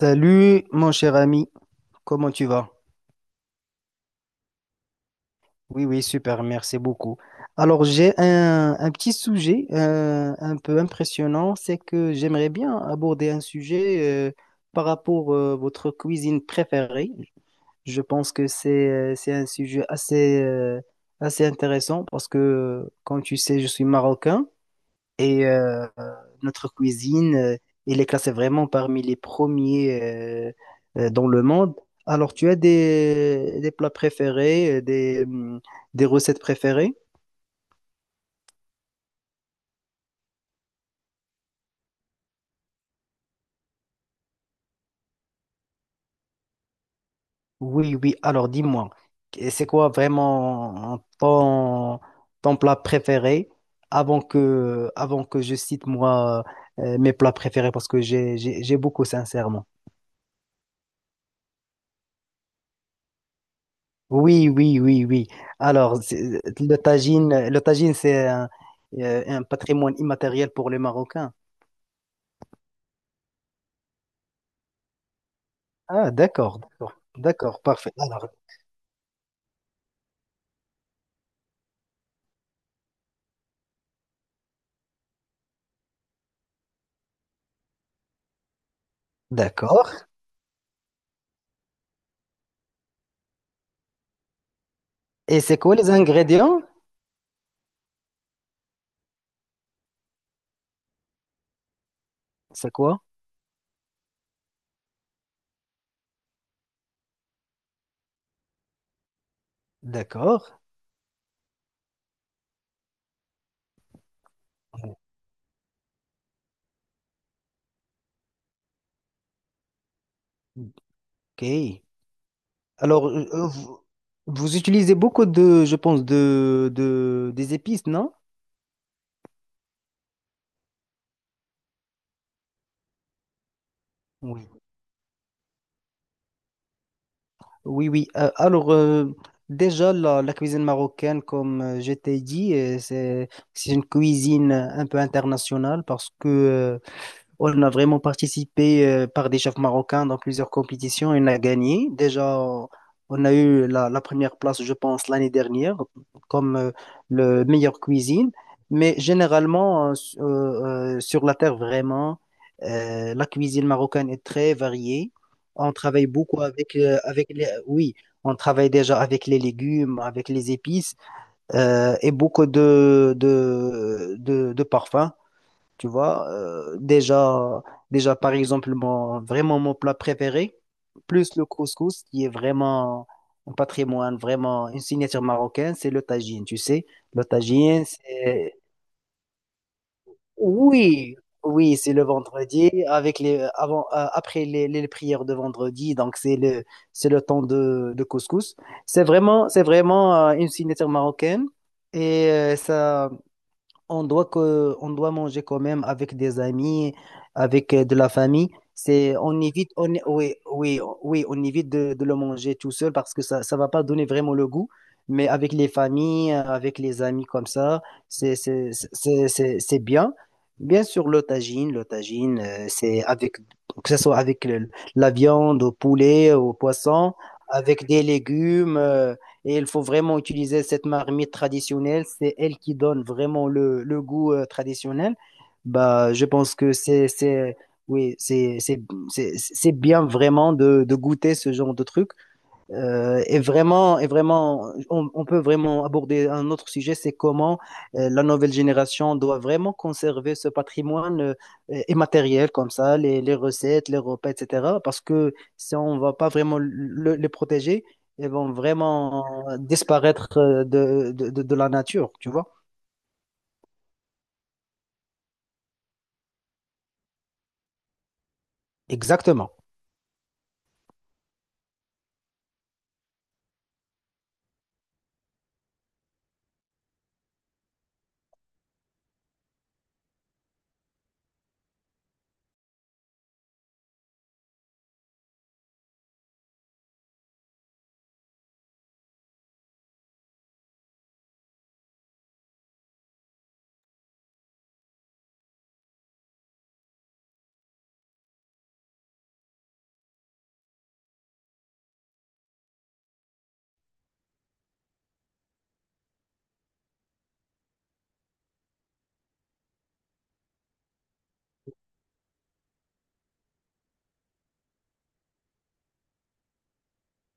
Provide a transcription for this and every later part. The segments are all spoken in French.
Salut mon cher ami, comment tu vas? Oui, oui, super, merci beaucoup. Alors j'ai un petit sujet un peu impressionnant, c'est que j'aimerais bien aborder un sujet par rapport à votre cuisine préférée. Je pense que c'est un sujet assez intéressant parce que, comme tu sais, je suis marocain. Et notre cuisine, elle est classée vraiment parmi les premiers dans le monde. Alors, tu as des plats préférés, des recettes préférées? Oui, oui. Alors, dis-moi, c'est quoi vraiment ton plat préféré avant que je cite moi mes plats préférés parce que j'ai beaucoup, sincèrement. Oui, oui, oui, oui. Alors, le tagine, c'est un patrimoine immatériel pour les Marocains. Ah, d'accord, d'accord, d'accord, parfait. Alors, d'accord. Et c'est quoi les ingrédients? C'est quoi? D'accord. Ok. Alors, vous utilisez beaucoup de, je pense, des épices, non? Oui, oui. Alors, déjà, la cuisine marocaine, comme je t'ai dit, c'est une cuisine un peu internationale parce que on a vraiment participé par des chefs marocains dans plusieurs compétitions et on a gagné. Déjà, on a eu la première place, je pense, l'année dernière comme le meilleur cuisine. Mais généralement, sur la terre, vraiment, la cuisine marocaine est très variée. On travaille beaucoup avec les, oui, on travaille déjà avec les légumes, avec les épices et beaucoup de parfums. Tu vois, déjà, par exemple, vraiment mon plat préféré, plus le couscous, qui est vraiment un patrimoine, vraiment une signature marocaine, c'est le tagine, tu sais. Le tagine, c'est... Oui, oui, c'est le vendredi, après les prières de vendredi, donc c'est le temps de couscous. C'est vraiment une signature marocaine et ça on doit manger quand même avec des amis, avec de la famille. C'est, on évite, on, oui, oui, oui, on évite de le manger tout seul parce que ça va pas donner vraiment le goût. Mais avec les familles, avec les amis comme ça, c'est bien. Bien sûr, le tagine, que ce soit avec la viande, au poulet, au poisson, avec des légumes, et il faut vraiment utiliser cette marmite traditionnelle. C'est elle qui donne vraiment le goût traditionnel. Bah, je pense que c'est, oui, c'est bien vraiment de goûter ce genre de truc. Et vraiment, on peut vraiment aborder un autre sujet, c'est comment la nouvelle génération doit vraiment conserver ce patrimoine immatériel comme ça, les recettes, les repas, etc. Parce que si on ne va pas vraiment les protéger, elles vont vraiment disparaître de la nature, tu vois? Exactement.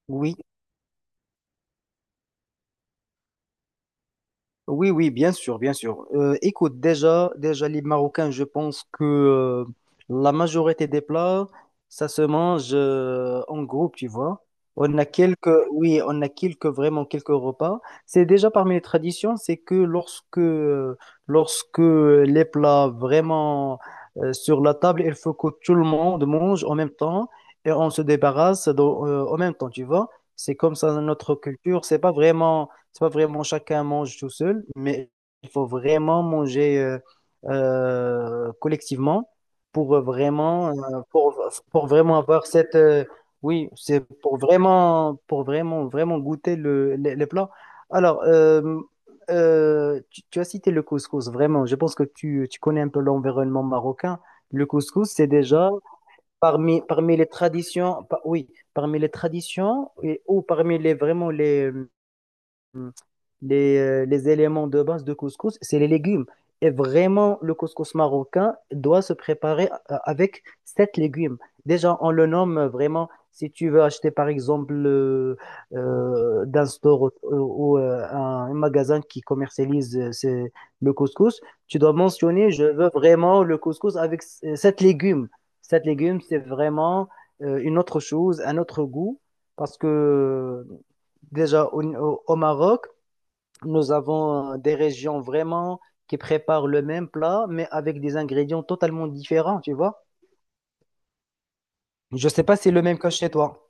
Oui. Oui, oui, bien sûr, bien sûr. Écoute, déjà, les Marocains, je pense que la majorité des plats, ça se mange en groupe, tu vois. On a quelques, oui, on a quelques, vraiment quelques repas. C'est déjà parmi les traditions, c'est que lorsque les plats vraiment sur la table, il faut que tout le monde mange en même temps et on se débarrasse en même temps, tu vois. C'est comme ça notre culture. C'est pas vraiment chacun mange tout seul, mais il faut vraiment manger collectivement pour pour, pour vraiment avoir cette, oui, c'est pour vraiment goûter les plats. Alors, tu as cité le couscous, vraiment. Je pense que tu connais un peu l'environnement marocain. Le couscous, c'est déjà parmi les traditions, oui, parmi les traditions et, ou parmi les vraiment les éléments de base de couscous, c'est les légumes. Et vraiment, le couscous marocain doit se préparer avec sept légumes. Déjà, on le nomme vraiment, si tu veux acheter par exemple d'un store ou un magasin qui commercialise le couscous, tu dois mentionner, je veux vraiment le couscous avec sept légumes. Sept légumes, c'est vraiment une autre chose, un autre goût, parce que déjà au Maroc, nous avons des régions vraiment qui préparent le même plat, mais avec des ingrédients totalement différents, tu vois. Je ne sais pas si c'est le même cas chez toi.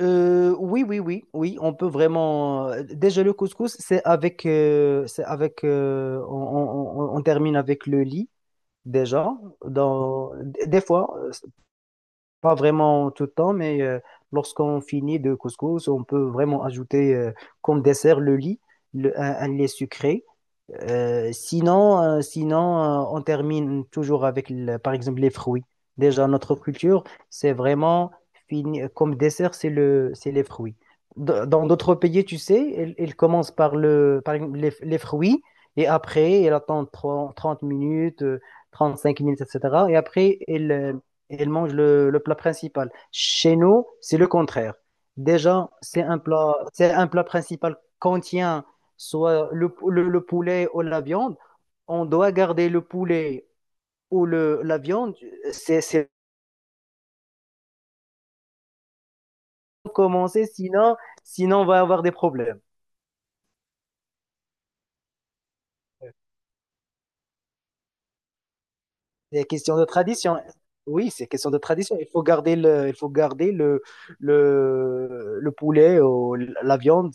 Oui, oui, oui, oui, on peut vraiment. Déjà, le couscous, c'est avec, on termine avec le lit déjà. Dans des fois, c'est pas vraiment tout le temps, mais lorsqu'on finit de couscous, on peut vraiment ajouter comme dessert le lit, un lait sucré. Sinon, on termine toujours avec, par exemple, les fruits. Déjà, notre culture, c'est vraiment fini, comme dessert, c'est les fruits. Dans d'autres pays, tu sais, ils commencent par le, par exemple, les fruits et après, ils attendent 30, 30 minutes, 35 minutes, etc. Et après, ils mangent le plat principal. Chez nous, c'est le contraire. Déjà, c'est un plat principal contient soit le poulet ou la viande, on doit garder le poulet ou la viande. C'est commencer, sinon on va avoir des problèmes. C'est question de tradition. Oui, c'est question de tradition. Il faut garder le poulet ou la viande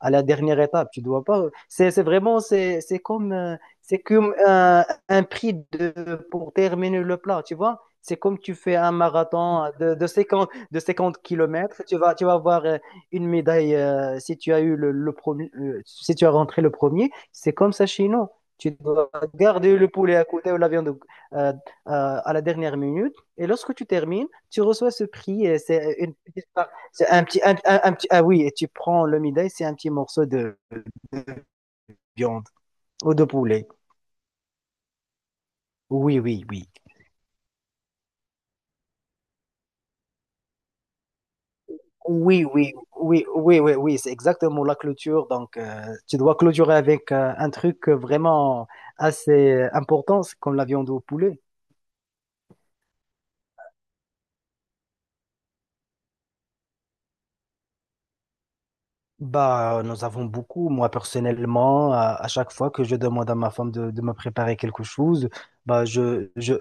à la dernière étape. Tu dois pas. C'est vraiment, c'est comme un prix pour terminer le plat. Tu vois? C'est comme tu fais un marathon de 50 kilomètres. Tu vas avoir une médaille si tu as eu le premier, si tu as rentré le premier. C'est comme ça chez nous. Tu dois garder le poulet à côté ou la viande euh, à la dernière minute. Et lorsque tu termines, tu reçois ce prix. C'est une petite c'est un petit, un petit. Ah oui, et tu prends le midai, c'est un petit morceau de viande ou de poulet. Oui, oui, oui. Oui, oui, oui, oui, oui, oui, c'est exactement la clôture. Donc, tu dois clôturer avec un truc vraiment assez important, c'est comme la viande au poulet. Bah, nous avons beaucoup. Moi, personnellement, à chaque fois que je demande à ma femme de me préparer quelque chose, bah,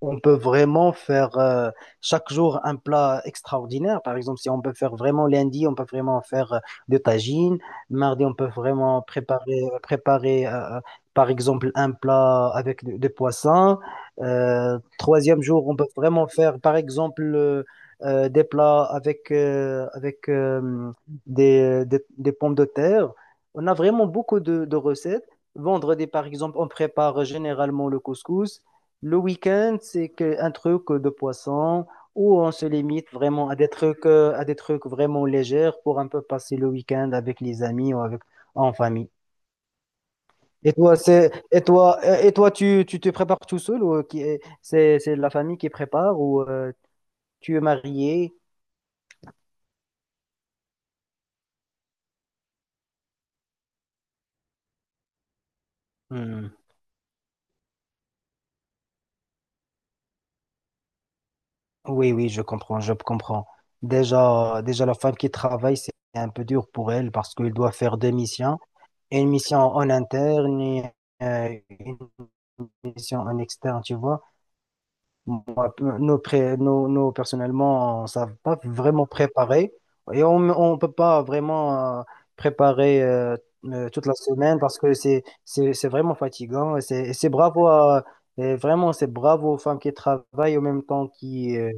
on peut vraiment faire chaque jour un plat extraordinaire. Par exemple, si on peut faire vraiment lundi, on peut vraiment faire de tagine. Mardi, on peut vraiment préparer, par exemple, un plat avec des poissons. Troisième jour, on peut vraiment faire, par exemple, des plats avec des pommes de terre. On a vraiment beaucoup de recettes. Vendredi, par exemple, on prépare généralement le couscous. Le week-end, c'est un truc de poisson où on se limite vraiment à des trucs vraiment légers pour un peu passer le week-end avec les amis ou avec, en famille. Et toi, c'est, et toi, tu te prépares tout seul ou qui, c'est la famille qui prépare ou tu es marié? Oui, oui, je comprends, je comprends. Déjà, la femme qui travaille, c'est un peu dur pour elle parce qu'elle doit faire deux missions. Une mission en interne et une mission en externe, tu vois. Moi, nous, pré- nous, nous, personnellement, on ne savait pas vraiment préparer et on ne peut pas vraiment préparer toute la semaine parce que c'est vraiment fatigant. Et vraiment, c'est bravo aux femmes qui travaillent en même temps qui euh,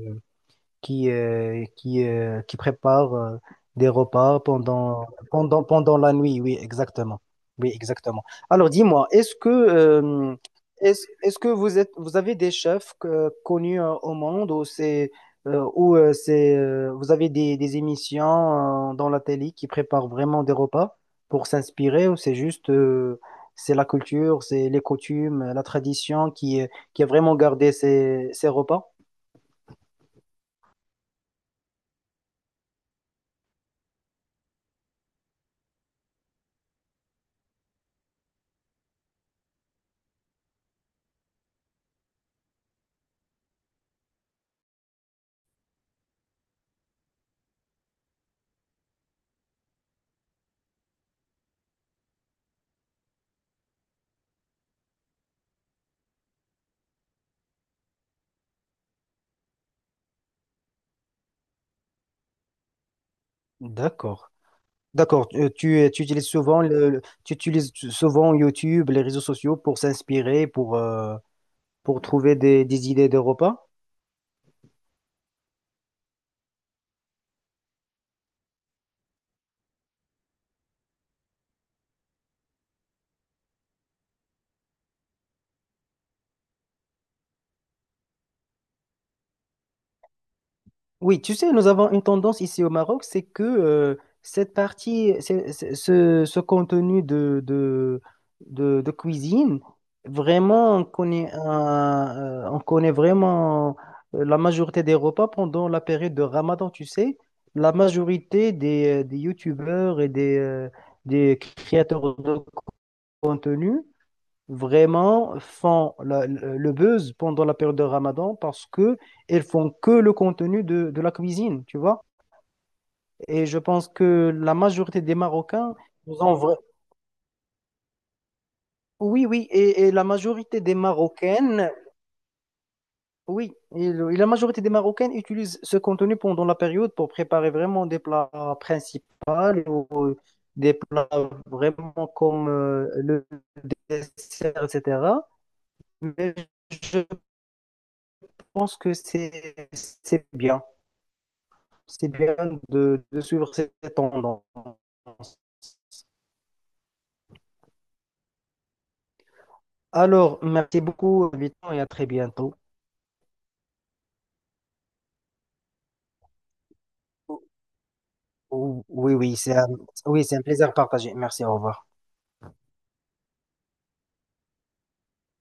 qui, euh, qui, euh, qui prépare des repas pendant la nuit. Oui, exactement. Oui, exactement. Alors, dis-moi, est-ce que vous avez des chefs connus au monde ou vous avez des émissions dans la télé qui préparent vraiment des repas pour s'inspirer ou c'est juste, c'est la culture, c'est les coutumes, la tradition qui a vraiment gardé ces repas? D'accord. D'accord, tu utilises souvent YouTube, les réseaux sociaux pour s'inspirer, pour trouver des idées de repas? Oui, tu sais, nous avons une tendance ici au Maroc, c'est que cette partie, ce contenu de cuisine, vraiment, on connaît, on connaît vraiment la majorité des repas pendant la période de Ramadan, tu sais. La majorité des youtubeurs et des créateurs de contenu vraiment font le buzz pendant la période de Ramadan parce que elles font que le contenu de la cuisine, tu vois. Et je pense que la majorité des Marocains nous ont. Oui, oui, et la majorité des Marocaines, oui, et, le- et la majorité des Marocaines utilisent ce contenu pendant la période pour préparer vraiment des plats principaux ou des plats vraiment comme le dessert, etc. Mais je pense que c'est bien. C'est bien de suivre cette tendance. Alors, merci beaucoup, Viton, et à très bientôt. Oui, oui, oui, c'est un plaisir partagé. Merci, au revoir.